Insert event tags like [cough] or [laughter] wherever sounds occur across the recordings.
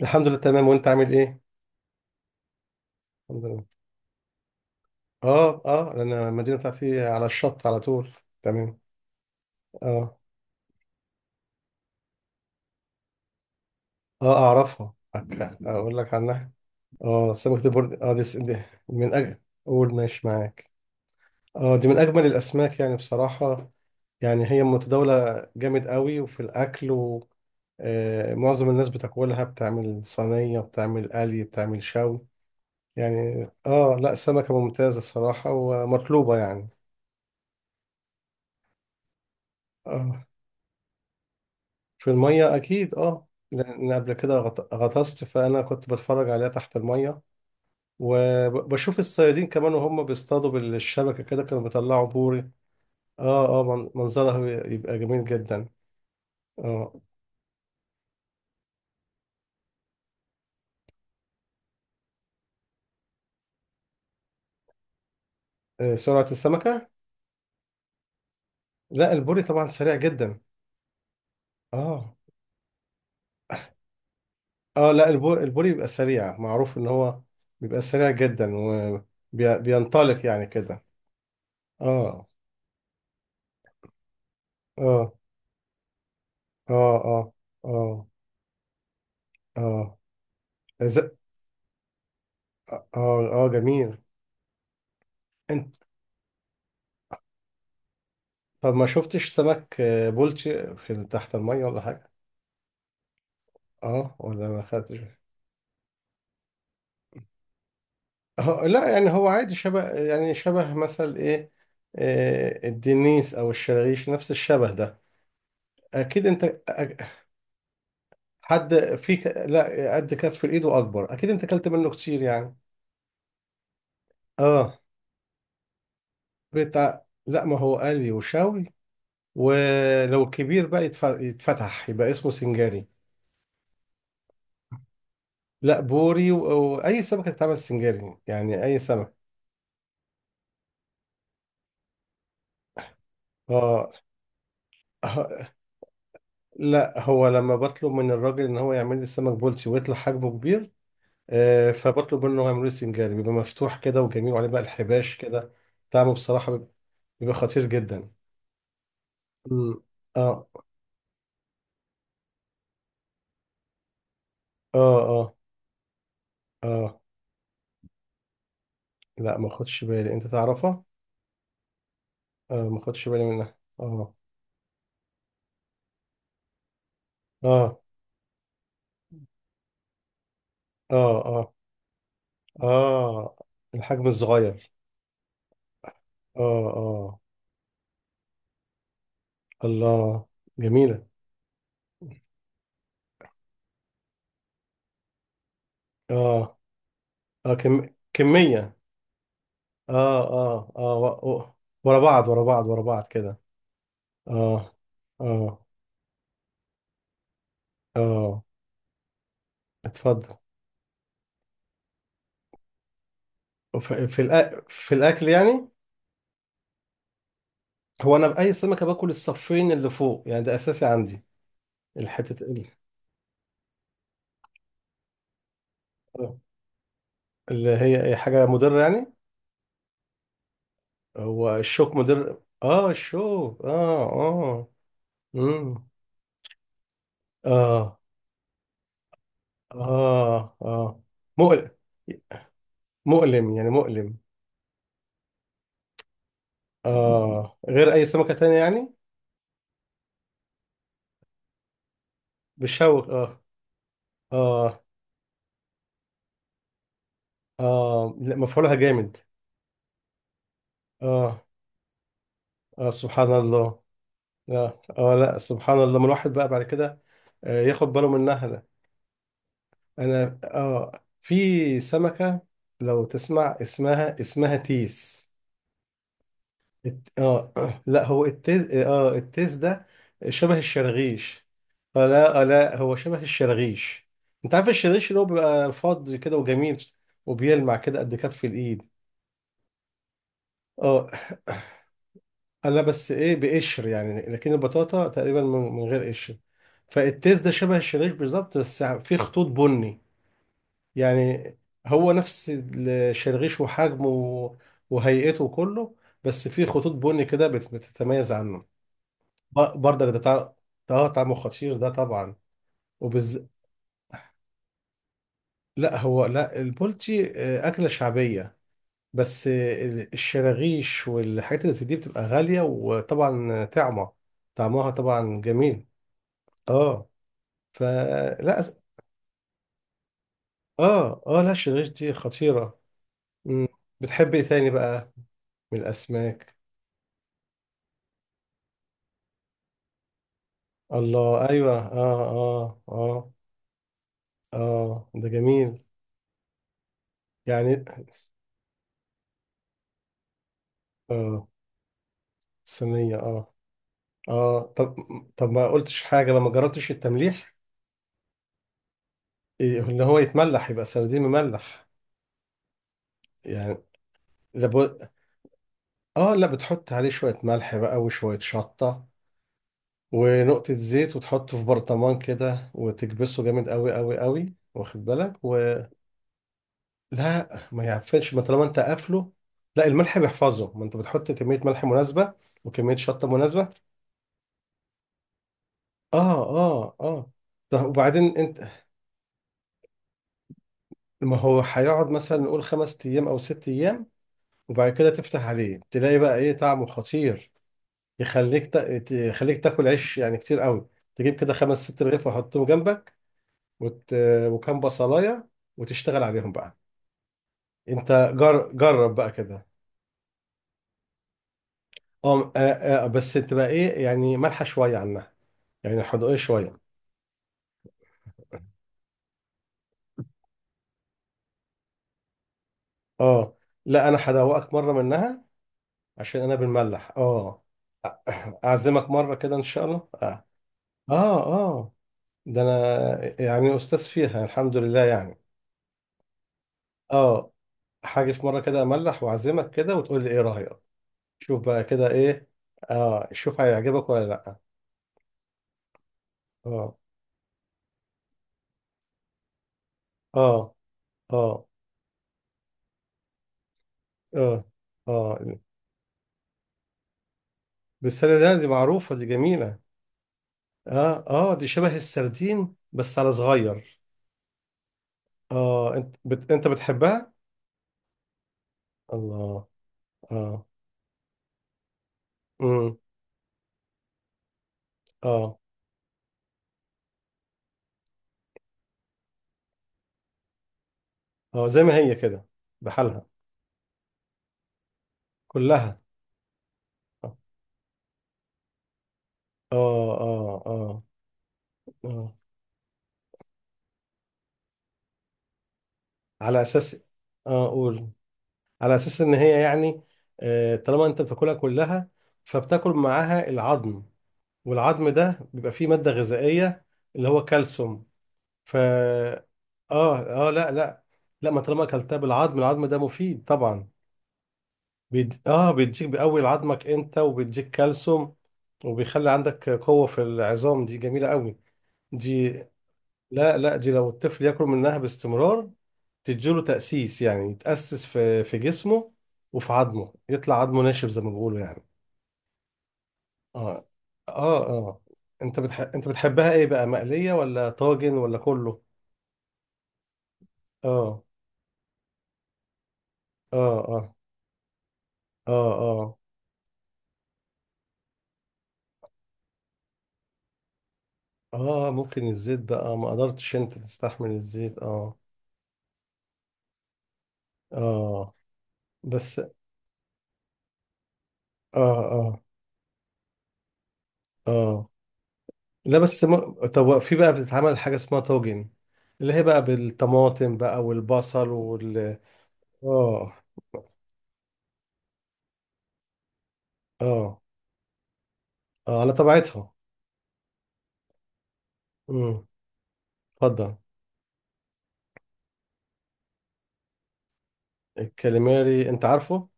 الحمد لله، تمام. وانت عامل ايه؟ الحمد لله. اه اه، انا المدينه بتاعتي على الشط على طول. تمام. اه اه، اعرفها. اقول لك عنها. اه، سمكه البرد اه دي، دي من اجل. قول، ماشي معاك. اه، دي من اجمل الاسماك يعني بصراحه. يعني هي متداوله جامد قوي وفي الاكل، و معظم الناس بتاكلها، بتعمل صينيه، بتعمل قلي، بتعمل شوي. يعني اه، لا سمكه ممتازه صراحه ومطلوبه يعني. آه. في المية أكيد، أه، لأن قبل كده غطست. فأنا كنت بتفرج عليها تحت المية، وبشوف الصيادين كمان وهم بيصطادوا بالشبكة كده، كانوا بيطلعوا بوري. أه أه، منظرها يبقى جميل جدا. أه آه، سرعة السمكة؟ لا البوري طبعا سريع جدا. أه أه، لا البوري، البوري بيبقى سريع، معروف إن هو بيبقى سريع جدا وبينطلق يعني كده. أه أه أه أه أه أه. ز- أه آه، جميل. انت، طب ما شفتش سمك بولتي في تحت المية ولا حاجة؟ اه ولا ما خدتش. اه لا يعني هو عادي، شبه يعني شبه مثل ايه؟ الدنيس او الشرغيش، نفس الشبه ده. اكيد انت. أك- حد فيك، لا قد كف الايد واكبر. اكيد انت اكلت منه كتير يعني. اه بتاع، لا ما هو قلي وشاوي. ولو كبير بقى يتفتح، يبقى اسمه سنجاري. لا بوري، واي سمكة تتعمل سنجاري يعني، اي سمك. اه آه، لا هو لما بطلب من الراجل ان هو يعمل لي السمك بولتي ويطلع حجمه كبير، فبطلب منه يعمل لي سنجاري، بيبقى مفتوح كده وجميل وعليه بقى الحباش كده. طعمه بصراحة بيبقى، بيبقى خطير جدا. مم. اه اه اه. اه لا ما خدش بالي، انت تعرفها؟ آه ما خدش بالي منها، اه اه. اه اه اه، الحجم الصغير. اه اه. الله، جميلة. اه اه كمية. اه اه اه ورا بعض، ورا بعض، ورا بعض كده. اه اه اه، اتفضل. في الاكل يعني؟ هو انا باي سمكه باكل الصفين اللي فوق يعني، ده اساسي عندي. الحته ال- آه. اللي هي أي حاجه مضره يعني. هو الشوك مضر؟ اه الشوك اه اه. امم. اه اه اه، مؤلم، مؤلم يعني، مؤلم. اه غير اي سمكه تانية يعني، بالشوك اه. اه اه، لا مفعولها جامد. اه اه، سبحان الله. اه اه، لا سبحان الله، ما الواحد بقى بعد كده آه ياخد باله منها ده. انا اه، في سمكة لو تسمع اسمها، اسمها تيس. اه. [clears throat] لا هو التيس، اه التيس ده شبه الشرغيش. اه لا، اه لا هو شبه الشرغيش. انت عارف الشرغيش اللي هو بيبقى فاضي كده وجميل، وبيلمع كده قد كف الايد. اه انا بس ايه؟ بقشر يعني. لكن البطاطا تقريبا من غير قشر. فالتيس ده شبه الشريش بالظبط، بس فيه خطوط بني يعني. هو نفس الشريش، وحجمه وهيئته كله، بس فيه خطوط بني كده بتتميز عنه. برضك ده ده اه طعمه خطير ده طبعا. وبز... لا هو لا، البولتي أكلة شعبية. بس الشراغيش والحاجات اللي زي دي بتبقى غالية، وطبعا طعمة، طعمها طبعا جميل. اه فلا أس... اه اه، لا الشريش دي خطيرة. مم. بتحب ايه تاني بقى من الاسماك؟ الله ايوه، اه اه اه. اه ده جميل يعني. اه صينية اه. اه طب، طب ما قلتش حاجة لما جربتش التمليح. إيه، ان هو يتملح يبقى سردين مملح. يعني ده بو... اه لا، بتحط عليه شوية ملح بقى وشوية شطة ونقطة زيت، وتحطه في برطمان كده وتكبسه جامد قوي قوي قوي، واخد بالك و... لا ما يعفنش ما طالما انت قافله. لا الملح بيحفظه، ما انت بتحط كمية ملح مناسبة وكمية شطة مناسبة. اه اه اه، طب وبعدين انت، ما هو هيقعد مثلا نقول 5 ايام او 6 ايام، وبعد كده تفتح عليه تلاقي بقى ايه طعمه خطير. يخليك تاكل عيش يعني كتير قوي. تجيب كده خمس ست رغيف وحطهم جنبك، وت... وكام بصلاية وتشتغل عليهم بقى. انت جرب بقى كده. اه آه، آه بس تبقى ايه يعني، مالحة شوية عنها، يعني حدوقية شوية. اه لا، انا هدوقك مرة منها، عشان انا بنملح اه. [laughs] اعزمك مرة كده ان شاء الله اه. اه آه. ده انا يعني استاذ فيها الحمد لله يعني. اه، هاجي في مرة كده املح واعزمك كده، وتقول لي ايه رأيك. شوف بقى كده ايه. اه شوف هيعجبك ولا لا. اه اه اه اه اه بالسردين دي معروفة، دي جميلة. اه اه دي شبه السردين بس على صغير. اه انت انت بتحبها؟ الله. اه. امم. اه اه، زي ما هي كده بحالها، كلها. اه اه اه اه، على اساس. اه اقول، على اساس ان هي يعني، آه طالما انت بتاكلها كلها فبتاكل معاها العظم، والعظم ده بيبقى فيه مادة غذائية اللي هو كالسيوم. ف، اه اه، لا لا لا، ما طالما اكلتها بالعظم، العظم ده مفيد طبعا. اه بيديك، بيقوي عظمك انت، وبيديك كالسيوم، وبيخلي عندك قوة في العظام، دي جميلة قوي. دي لا لا، دي لو الطفل ياكل منها باستمرار تديله تأسيس، يعني يتأسس في جسمه وفي عظمه، يطلع عظمه ناشف زي ما بيقولوا يعني. اه اه اه. انت انت بتحبها ايه بقى، مقلية ولا طاجن ولا كله؟ اه اه اه اه اه اه، ممكن الزيت بقى، ما قدرتش انت تستحمل الزيت اه. اه بس اه اه اه. لا بس م... طب في بقى بتتعمل حاجة اسمها طاجن، اللي هي بقى بالطماطم بقى والبصل اه اه اه، على طبيعتها. امم، اتفضل. الكاليماري انت عارفه.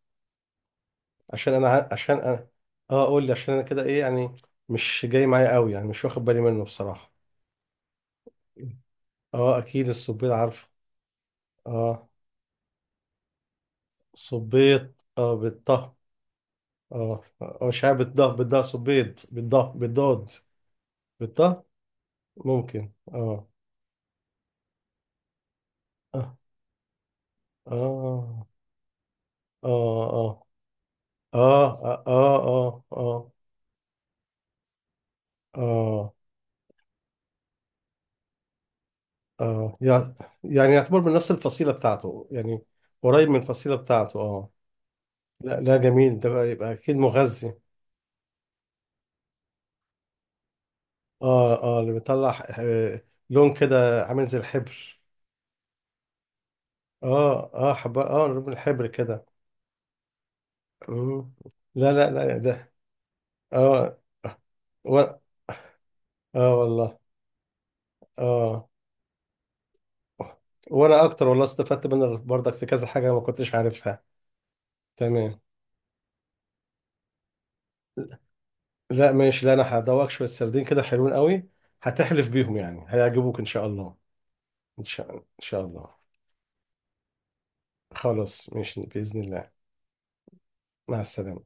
عشان انا ع... عشان انا اه، قول لي عشان انا كده ايه يعني، مش جاي معايا قوي يعني، مش واخد بالي منه بصراحة. اه اكيد الصبيط عارفه. اه صبيط اه بالطه. اه مش عارف بالضه، بالضه صبيط بالضه بالضاد. بالطه، ممكن اه. اه اه اه اه اه اه اه اه اه، يعني يعني يعتبر من نفس الفصيلة بتاعته يعني، قريب من الفصيلة بتاعته اه. لا لا، جميل ده بقى، يبقى اكيد مغذي. اه اه اللي بيطلع لون كده عامل زي الحبر. اه اه حب، اه لون الحبر كده. مم. لا لا لا ده. اه و... اه والله. اه، وانا اكتر والله استفدت منك برضك في كذا حاجة ما كنتش عارفها. تمام. لا ماشي، لا انا هدوقك شويه سردين كده، حلوين قوي، هتحلف بيهم يعني، هيعجبوك ان شاء الله. ان شاء، ان شاء الله. خلاص ماشي باذن الله. مع السلامه.